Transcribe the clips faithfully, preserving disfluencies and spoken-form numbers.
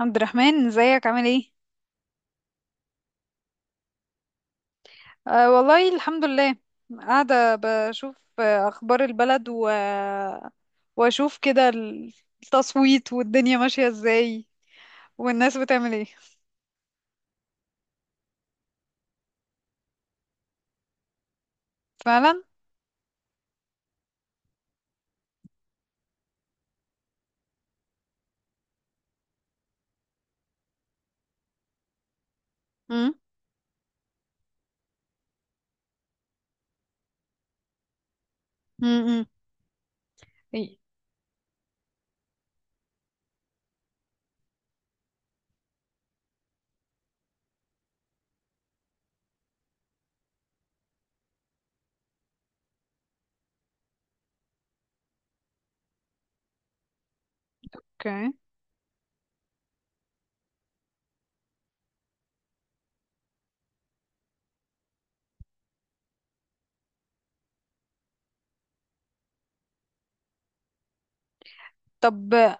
عبد الرحمن ازيك عامل ايه؟ آه والله الحمد لله. قاعدة بشوف آه، اخبار البلد و... واشوف كده، التصويت والدنيا ماشية ازاي والناس بتعمل ايه. فعلا. امم، امم، اوكي. طب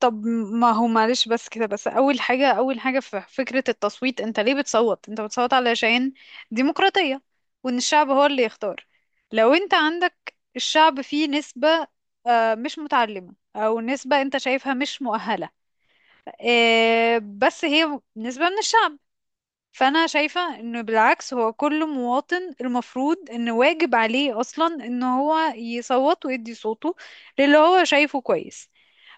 طب ما هو معلش، بس كده بس اول حاجه اول حاجه في فكره التصويت، انت ليه بتصوت؟ انت بتصوت علشان ديمقراطيه وان الشعب هو اللي يختار. لو انت عندك الشعب فيه نسبه آه، مش متعلمه او نسبه انت شايفها مش مؤهله، آه، بس هي نسبه من الشعب، فانا شايفه انه بالعكس هو كل مواطن المفروض ان واجب عليه اصلا ان هو يصوت ويدي صوته للي هو شايفه كويس.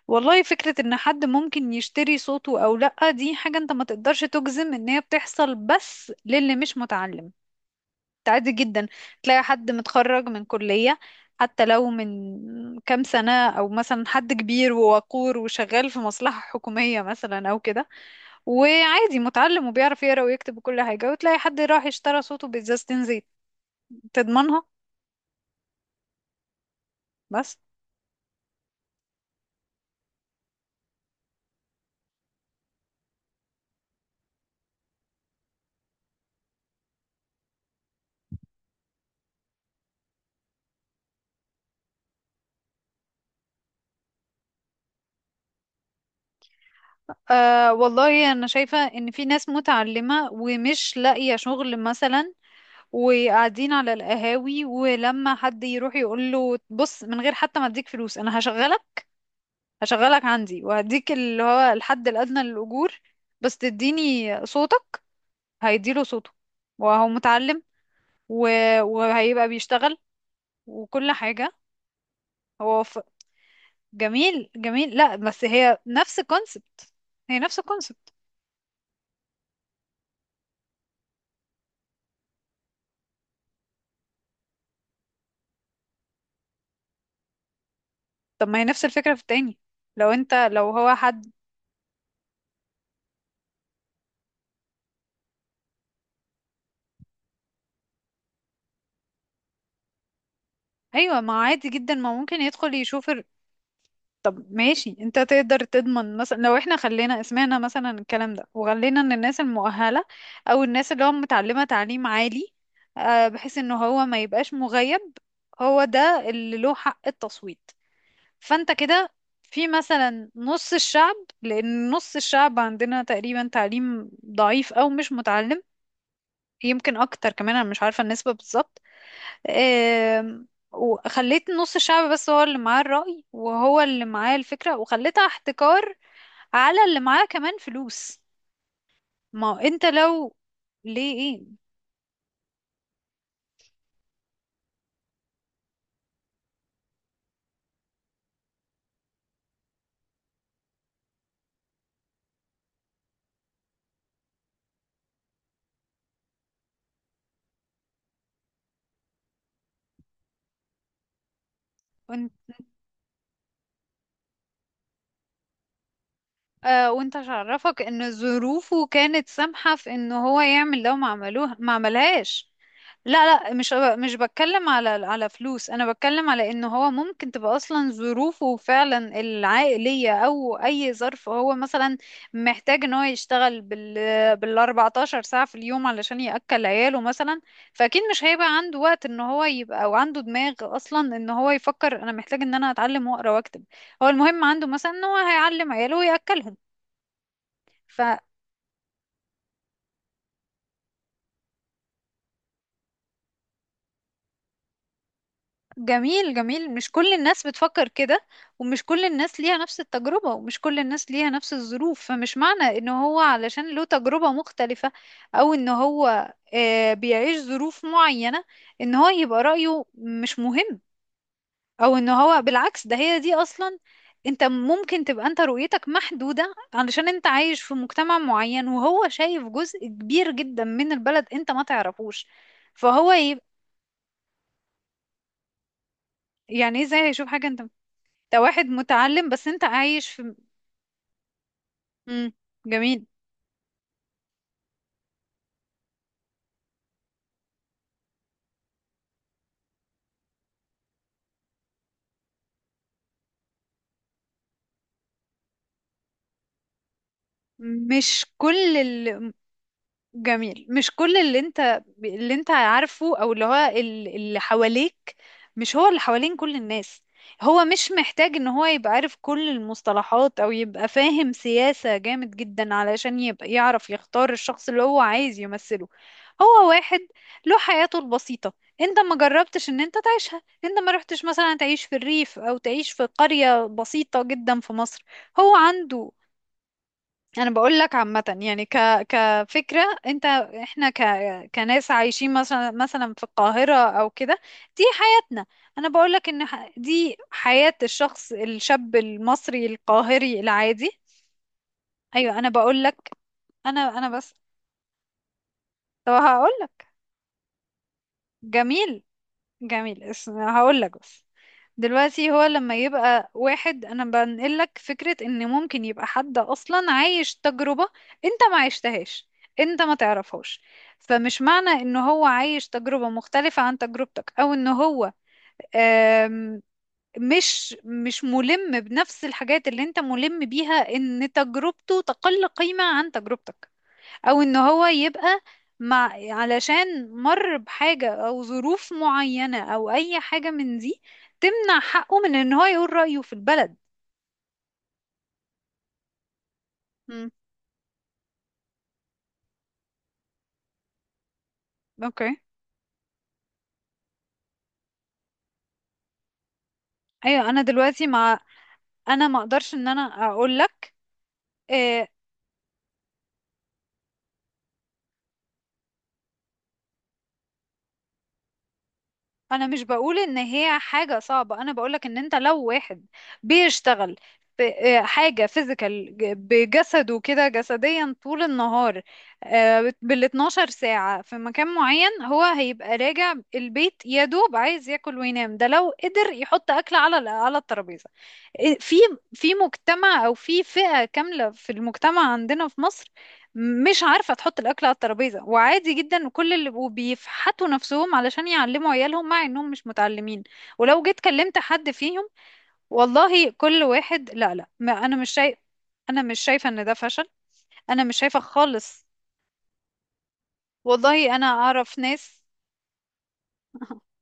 والله فكرة ان حد ممكن يشتري صوته او لأ دي حاجة انت ما تقدرش تجزم ان هي بتحصل بس للي مش متعلم، انت عادي جدا تلاقي حد متخرج من كلية حتى لو من كام سنة، او مثلا حد كبير ووقور وشغال في مصلحة حكومية مثلا او كده وعادي متعلم وبيعرف يقرا ويكتب وكل حاجة، وتلاقي حد راح اشترى صوته بإزازتين زيت تضمنها. بس آه والله انا شايفة ان في ناس متعلمة ومش لاقية شغل مثلا وقاعدين على القهاوي، ولما حد يروح يقول له بص من غير حتى ما اديك فلوس انا هشغلك، هشغلك عندي وهديك اللي هو الحد الادنى للاجور، بس تديني صوتك، هيديله صوته وهو متعلم و... وهيبقى بيشتغل وكل حاجة. هو ف... جميل جميل، لا بس هي نفس الكونسبت، هي نفس الكونسبت. طب ما هي نفس الفكرة في التاني، لو انت لو هو حد. ايوه ما عادي جدا، ما ممكن يدخل يشوف. طب ماشي، انت تقدر تضمن مثلا لو احنا خلينا سمعنا مثلا الكلام ده وخلينا ان الناس المؤهلة او الناس اللي هو متعلمة تعليم عالي، آه، بحيث ان هو ما يبقاش مغيب، هو ده اللي له حق التصويت. فانت كده في مثلا نص الشعب، لان نص الشعب عندنا تقريبا تعليم ضعيف او مش متعلم، يمكن اكتر كمان، انا مش عارفة النسبة بالظبط. آم، وخليت نص الشعب بس هو اللي معاه الرأي وهو اللي معاه الفكرة وخليتها احتكار على اللي معاه كمان فلوس. ما هو انت لو، ليه، ايه. آه وانت عرفك ان ظروفه كانت سامحة في ان هو يعمل، لو ما عملوها ما عملهاش. لا لا، مش مش بتكلم على على فلوس، انا بتكلم على ان هو ممكن تبقى اصلا ظروفه فعلا العائلية او اي ظرف، هو مثلا محتاج ان هو يشتغل بال بال 14 ساعة في اليوم علشان يأكل عياله مثلا، فاكيد مش هيبقى عنده وقت ان هو يبقى او عنده دماغ اصلا ان هو يفكر انا محتاج ان انا اتعلم واقرا واكتب، هو المهم عنده مثلا ان هو هيعلم عياله ويأكلهم. فجميل جميل، مش كل الناس بتفكر كده، ومش كل الناس ليها نفس التجربة ومش كل الناس ليها نفس الظروف، فمش معنى ان هو علشان له تجربة مختلفة او ان هو آه، بيعيش ظروف معينة ان هو يبقى رأيه مش مهم، او ان هو بالعكس ده هي دي اصلا، انت ممكن تبقى انت رؤيتك محدودة علشان انت عايش في مجتمع معين، وهو شايف جزء كبير جدا من البلد انت ما تعرفوش، فهو يبقى. يعني إيه ازاي هيشوف حاجة انت؟ انت واحد متعلم بس انت عايش في. مم. جميل، مش كل ال- جميل، مش كل اللي انت اللي انت عارفه، او اللي هو ال- اللي حواليك، مش هو اللي حوالين كل الناس، هو مش محتاج ان هو يبقى عارف كل المصطلحات او يبقى فاهم سياسة جامد جدا علشان يبقى يعرف يختار الشخص اللي هو عايز يمثله، هو واحد له حياته البسيطة، انت ما جربتش ان انت تعيشها، انت ما رحتش مثلا تعيش في الريف او تعيش في قرية بسيطة جدا في مصر، هو عنده. انا بقول لك عامه، يعني ك كفكره انت، احنا ك كناس عايشين مثلا، مثلا في القاهره او كده، دي حياتنا. انا بقول لك ان ح- دي حياه الشخص الشاب المصري القاهري العادي. ايوه انا بقول لك، انا انا بس. طب هقول لك، جميل جميل، اسم هقول لك بس، دلوقتي هو لما يبقى واحد، انا بنقلك فكرة ان ممكن يبقى حد اصلا عايش تجربة انت ما عشتهاش، انت ما تعرفهاش، فمش معنى ان هو عايش تجربة مختلفة عن تجربتك او ان هو آم، مش مش ملم بنفس الحاجات اللي انت ملم بيها ان تجربته تقل قيمة عن تجربتك، او ان هو يبقى مع علشان مر بحاجة او ظروف معينة او اي حاجة من دي تمنع حقه من ان هو يقول رأيه في البلد. مم. اوكي، ايوه انا دلوقتي مع، انا ما اقدرش ان انا اقول لك. آه، انا مش بقول ان هي حاجة صعبة، انا بقولك ان انت لو واحد بيشتغل في آه، حاجة فيزيكال بجسده كده جسديا طول النهار بال 12 ساعة في مكان معين، هو هيبقى راجع البيت يا دوب عايز ياكل وينام، ده لو قدر يحط اكل على على الترابيزة. آه، في في مجتمع او في فئة كاملة في المجتمع عندنا في مصر مش عارفة تحط الأكل على الترابيزة، وعادي جدا كل اللي وبيفحتوا نفسهم علشان يعلموا عيالهم مع إنهم مش متعلمين، ولو جيت كلمت حد فيهم، والله كل واحد، لا لا، ما أنا مش شايف، أنا مش شايفة إن ده فشل، أنا مش شايفة خالص، والله أنا أعرف ناس.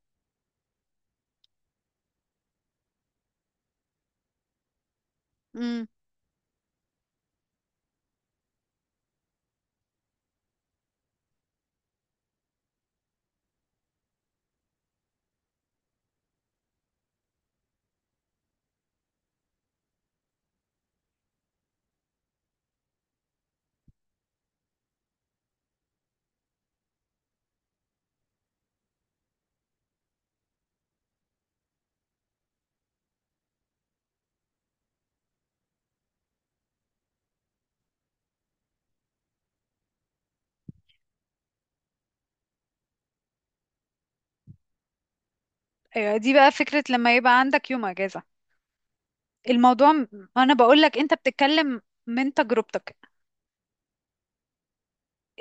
امم، أيوة دي بقى فكرة لما يبقى عندك يوم أجازة، الموضوع م- أنا بقولك أنت بتتكلم من تجربتك،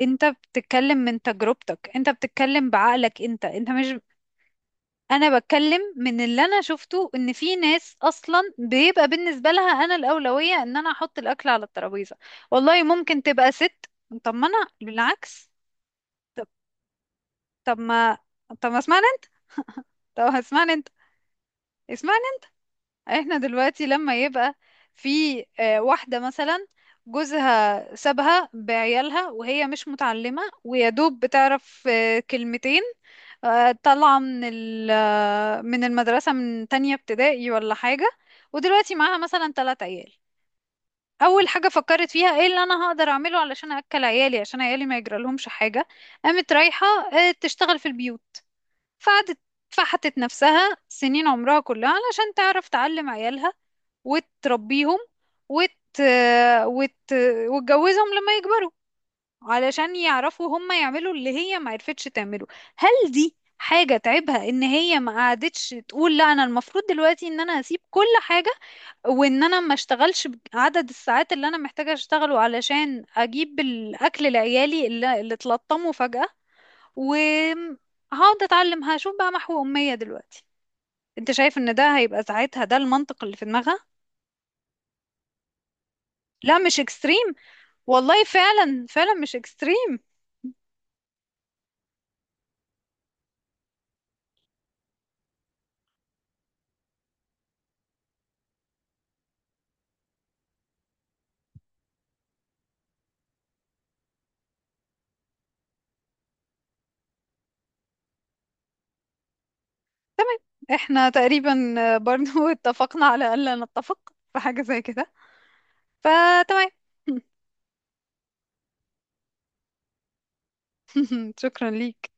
انت بتتكلم من تجربتك انت بتتكلم بعقلك انت انت مش، انا بتكلم من اللي انا شفته ان في ناس اصلا بيبقى بالنسبه لها انا الاولويه ان انا احط الاكل على الترابيزه، والله ممكن تبقى ست. طب ما انا بالعكس، طب، طب ما طب ما اسمعني انت. طب اسمعني انت، اسمعني. احنا دلوقتي لما يبقى في آه، واحدة مثلا، جوزها سابها بعيالها وهي مش متعلمة ويا دوب بتعرف آه، كلمتين، آه، طالعة من ال- آه، من المدرسة من تانية ابتدائي ولا حاجة، ودلوقتي معاها مثلا تلات عيال، أول حاجة فكرت فيها ايه اللي أنا هقدر أعمله علشان أكل عيالي عشان عيالي ما يجرالهمش حاجة، قامت رايحة آه، تشتغل في البيوت، فقعدت، فحتت نفسها سنين عمرها كلها علشان تعرف تعلم عيالها وتربيهم وت... وت... وتجوزهم لما يكبروا علشان يعرفوا هم يعملوا اللي هي ما عرفتش تعمله. هل دي حاجة تعبها، ان هي ما قعدتش تقول لا انا المفروض دلوقتي ان انا هسيب كل حاجة وان انا ما اشتغلش عدد الساعات اللي انا محتاجة اشتغله علشان اجيب الاكل لعيالي اللي, اللي اتلطموا فجأة، وهقعد اتعلم هشوف بقى محو امية دلوقتي؟ انت شايف ان ده هيبقى ساعتها ده المنطق اللي في دماغها؟ لا مش اكستريم، والله فعلا فعلا مش اكستريم. تمام، احنا تقريبا برضو اتفقنا على الا نتفق في حاجة زي كده، فتمام. شكرا ليك.